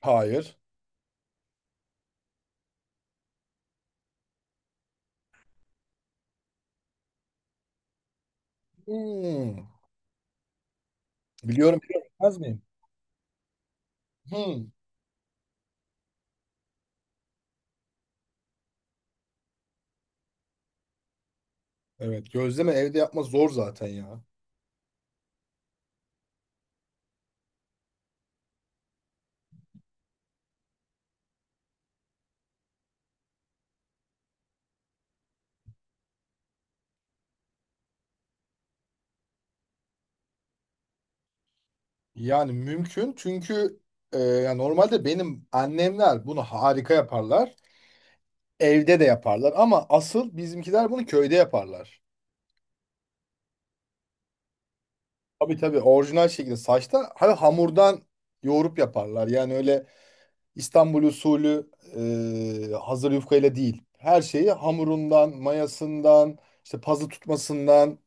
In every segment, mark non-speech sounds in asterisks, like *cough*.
Hayır. Hmm. Biliyorum, biliyorum. Bilmez miyim? Hmm. Evet, gözleme evde yapmak zor zaten ya. Yani mümkün çünkü yani normalde benim annemler bunu harika yaparlar. Evde de yaparlar ama asıl bizimkiler bunu köyde yaparlar. Tabii, tabii, orijinal şekilde saçta hani hamurdan yoğurup yaparlar. Yani öyle İstanbul usulü, hazır yufkayla değil. Her şeyi hamurundan, mayasından, işte pazı tutmasından.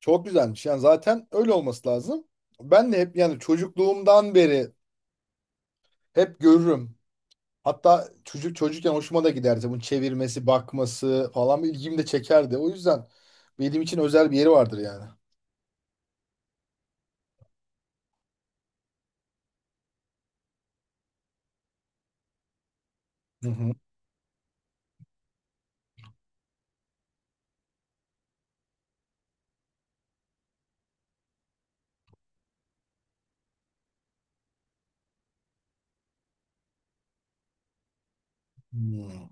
Çok güzelmiş. Yani zaten öyle olması lazım. Ben de hep yani çocukluğumdan beri hep görürüm. Hatta çocuk çocukken hoşuma da giderdi. Bunun çevirmesi, bakması falan ilgimi de çekerdi. O yüzden benim için özel bir yeri vardır yani. Hı hı. Hmm.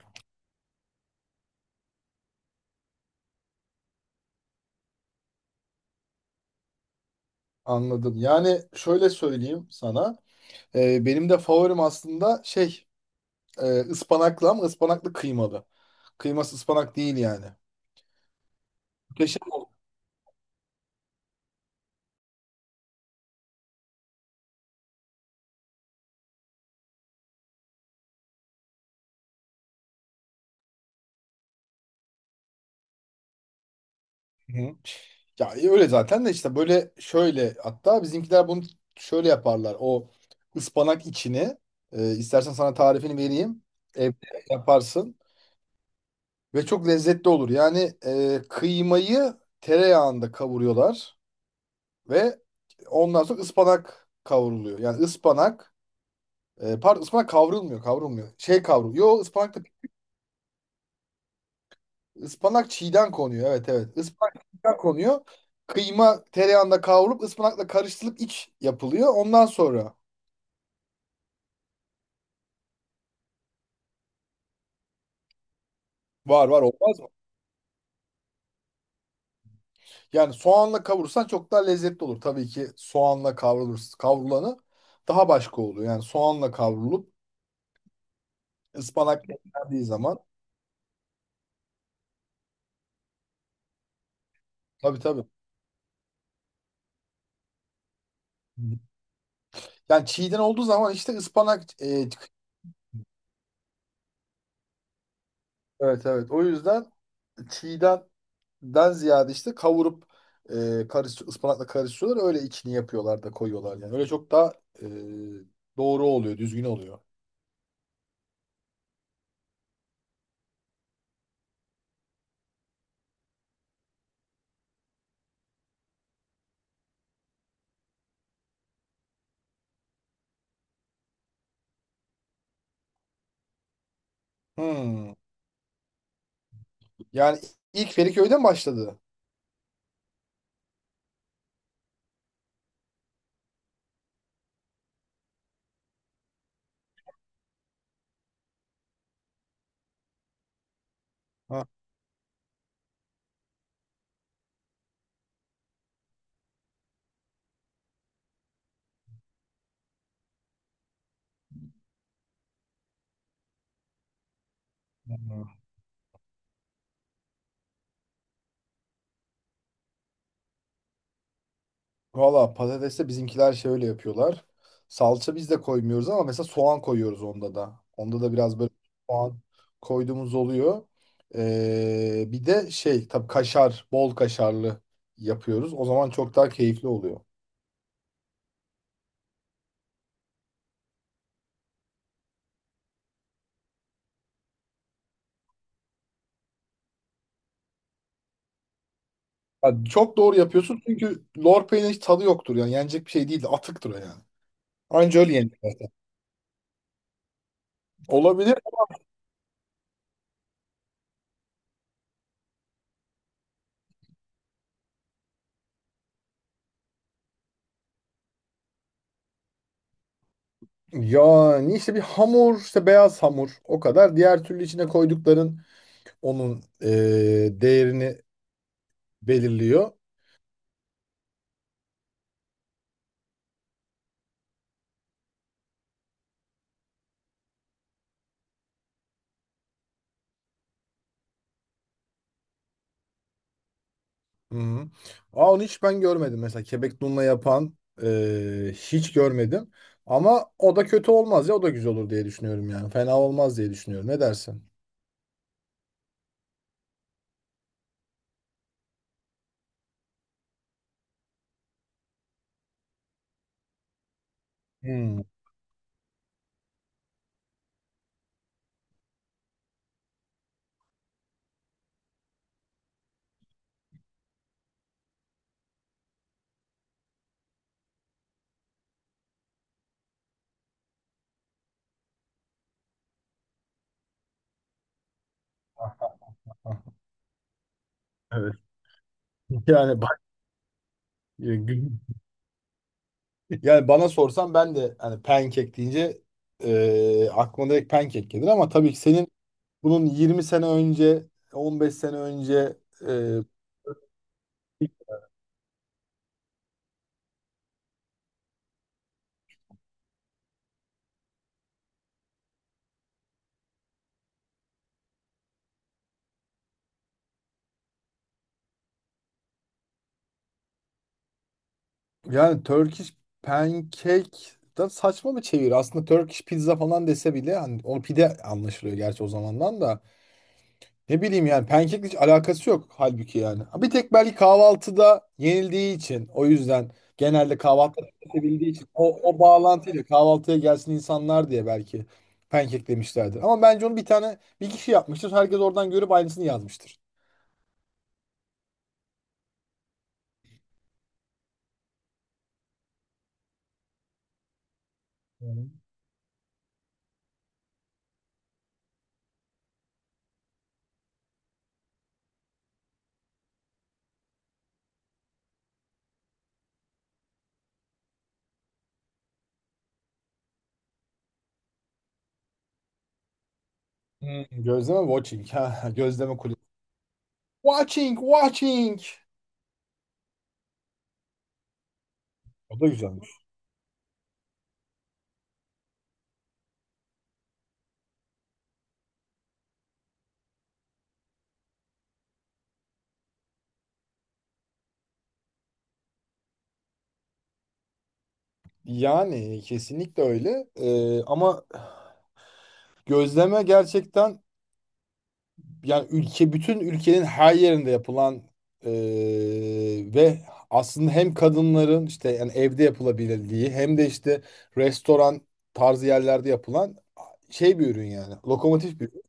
Anladım. Yani şöyle söyleyeyim sana. Benim de favorim aslında şey, ıspanaklı, ama ıspanaklı kıymalı. Kıyması ıspanak değil yani. Muhteşem. Hı. Ya, öyle zaten de işte böyle şöyle, hatta bizimkiler bunu şöyle yaparlar. O ıspanak içini, istersen sana tarifini vereyim. Evde yaparsın ve çok lezzetli olur. Yani kıymayı tereyağında kavuruyorlar. Ve ondan sonra ıspanak kavruluyor. Yani ıspanak, pardon, ıspanak kavrulmuyor, kavrulmuyor. Şey kavrul. Yo, ıspanak da ıspanak çiğden konuyor. Evet, evet. Ispanak çiğden konuyor. Kıyma tereyağında kavrulup ıspanakla karıştırılıp iç yapılıyor. Ondan sonra var, var, olmaz mı? Yani soğanla kavurursan çok daha lezzetli olur. Tabii ki soğanla kavrulur, kavrulanı daha başka oluyor. Yani soğanla kavrulup ıspanak eklendiği zaman, tabii, tabii. Yani çiğden olduğu zaman işte ıspanak, evet, evet. O yüzden çiğdenden ziyade işte kavurup, karış, ıspanakla karıştırıyorlar. Öyle içini yapıyorlar da koyuyorlar yani. Öyle çok daha e, doğru oluyor, düzgün oluyor. Hmm. Yani ilk Feriköy'de başladı? Ha. Valla, patateste bizimkiler şöyle yapıyorlar. Salça biz de koymuyoruz ama mesela soğan koyuyoruz onda da. Onda da biraz böyle soğan koyduğumuz oluyor. Bir de şey, tabii kaşar, bol kaşarlı yapıyoruz. O zaman çok daha keyifli oluyor. Yani çok doğru yapıyorsun çünkü lor peynirin hiç tadı yoktur yani. Yenecek bir şey değil, de atıktır o yani. Anca öyle yenir zaten. Olabilir. Yani işte bir hamur, işte beyaz hamur, o kadar. Diğer türlü içine koydukların onun değerini belirliyor. Hı-hı. Aa, onu hiç ben görmedim. Mesela kebek dunla yapan hiç görmedim. Ama o da kötü olmaz ya, o da güzel olur diye düşünüyorum yani. Fena olmaz diye düşünüyorum. Ne dersin? Hmm. Ah. Ah. Evet. *laughs* Yani bak, e, gü- *laughs* yani bana sorsan ben de hani pancake deyince aklıma direkt pancake gelir, ama tabii ki senin bunun 20 sene önce, 15 sene önce. Yani Turkish pancake da saçma bir çevir. Aslında Turkish pizza falan dese bile hani o pide anlaşılıyor gerçi, o zamandan da. Ne bileyim, yani pancake hiç alakası yok halbuki yani. Ha. Bir tek belki kahvaltıda yenildiği için, o yüzden genelde kahvaltıda tüketebildiği için, o bağlantıyla kahvaltıya gelsin insanlar diye belki pancake demişlerdir. Ama bence onu bir tane bir kişi yapmıştır. Herkes oradan görüp aynısını yazmıştır. Hmm. Hmm. Gözleme watching. Ha, gözleme kulesi. Watching, watching. O da güzelmiş. Yani kesinlikle öyle. Ama gözleme gerçekten yani ülke, bütün ülkenin her yerinde yapılan, ee, ve aslında hem kadınların işte yani evde yapılabildiği, hem de işte restoran tarzı yerlerde yapılan şey, bir ürün yani. Lokomotif bir ürün.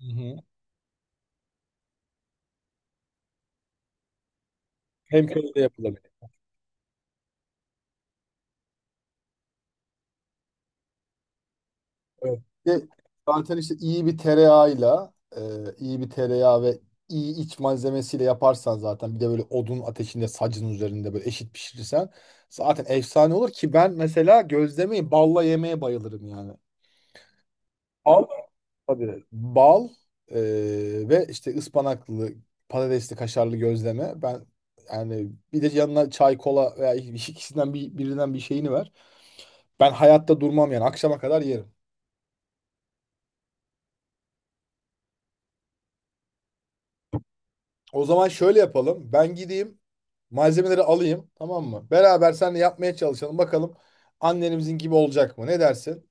Hı hı. Hem köyde yapılabilir. Evet. Ve zaten işte iyi bir tereyağıyla, iyi bir tereyağı ve iyi iç malzemesiyle yaparsan, zaten bir de böyle odun ateşinde sacın üzerinde böyle eşit pişirirsen zaten efsane olur ki, ben mesela gözlemeyi balla yemeye bayılırım yani. Bal? Tabii. Bal, e, ve işte ıspanaklı, patatesli, kaşarlı gözleme. Ben yani bir de yanına çay, kola veya ikisinden bir, birinden bir şeyini ver. Ben hayatta durmam yani, akşama kadar yerim. O zaman şöyle yapalım. Ben gideyim malzemeleri alayım, tamam mı? Beraber seninle yapmaya çalışalım. Bakalım annemizin gibi olacak mı? Ne dersin?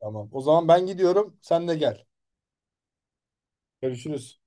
Tamam. O zaman ben gidiyorum. Sen de gel. Görüşürüz.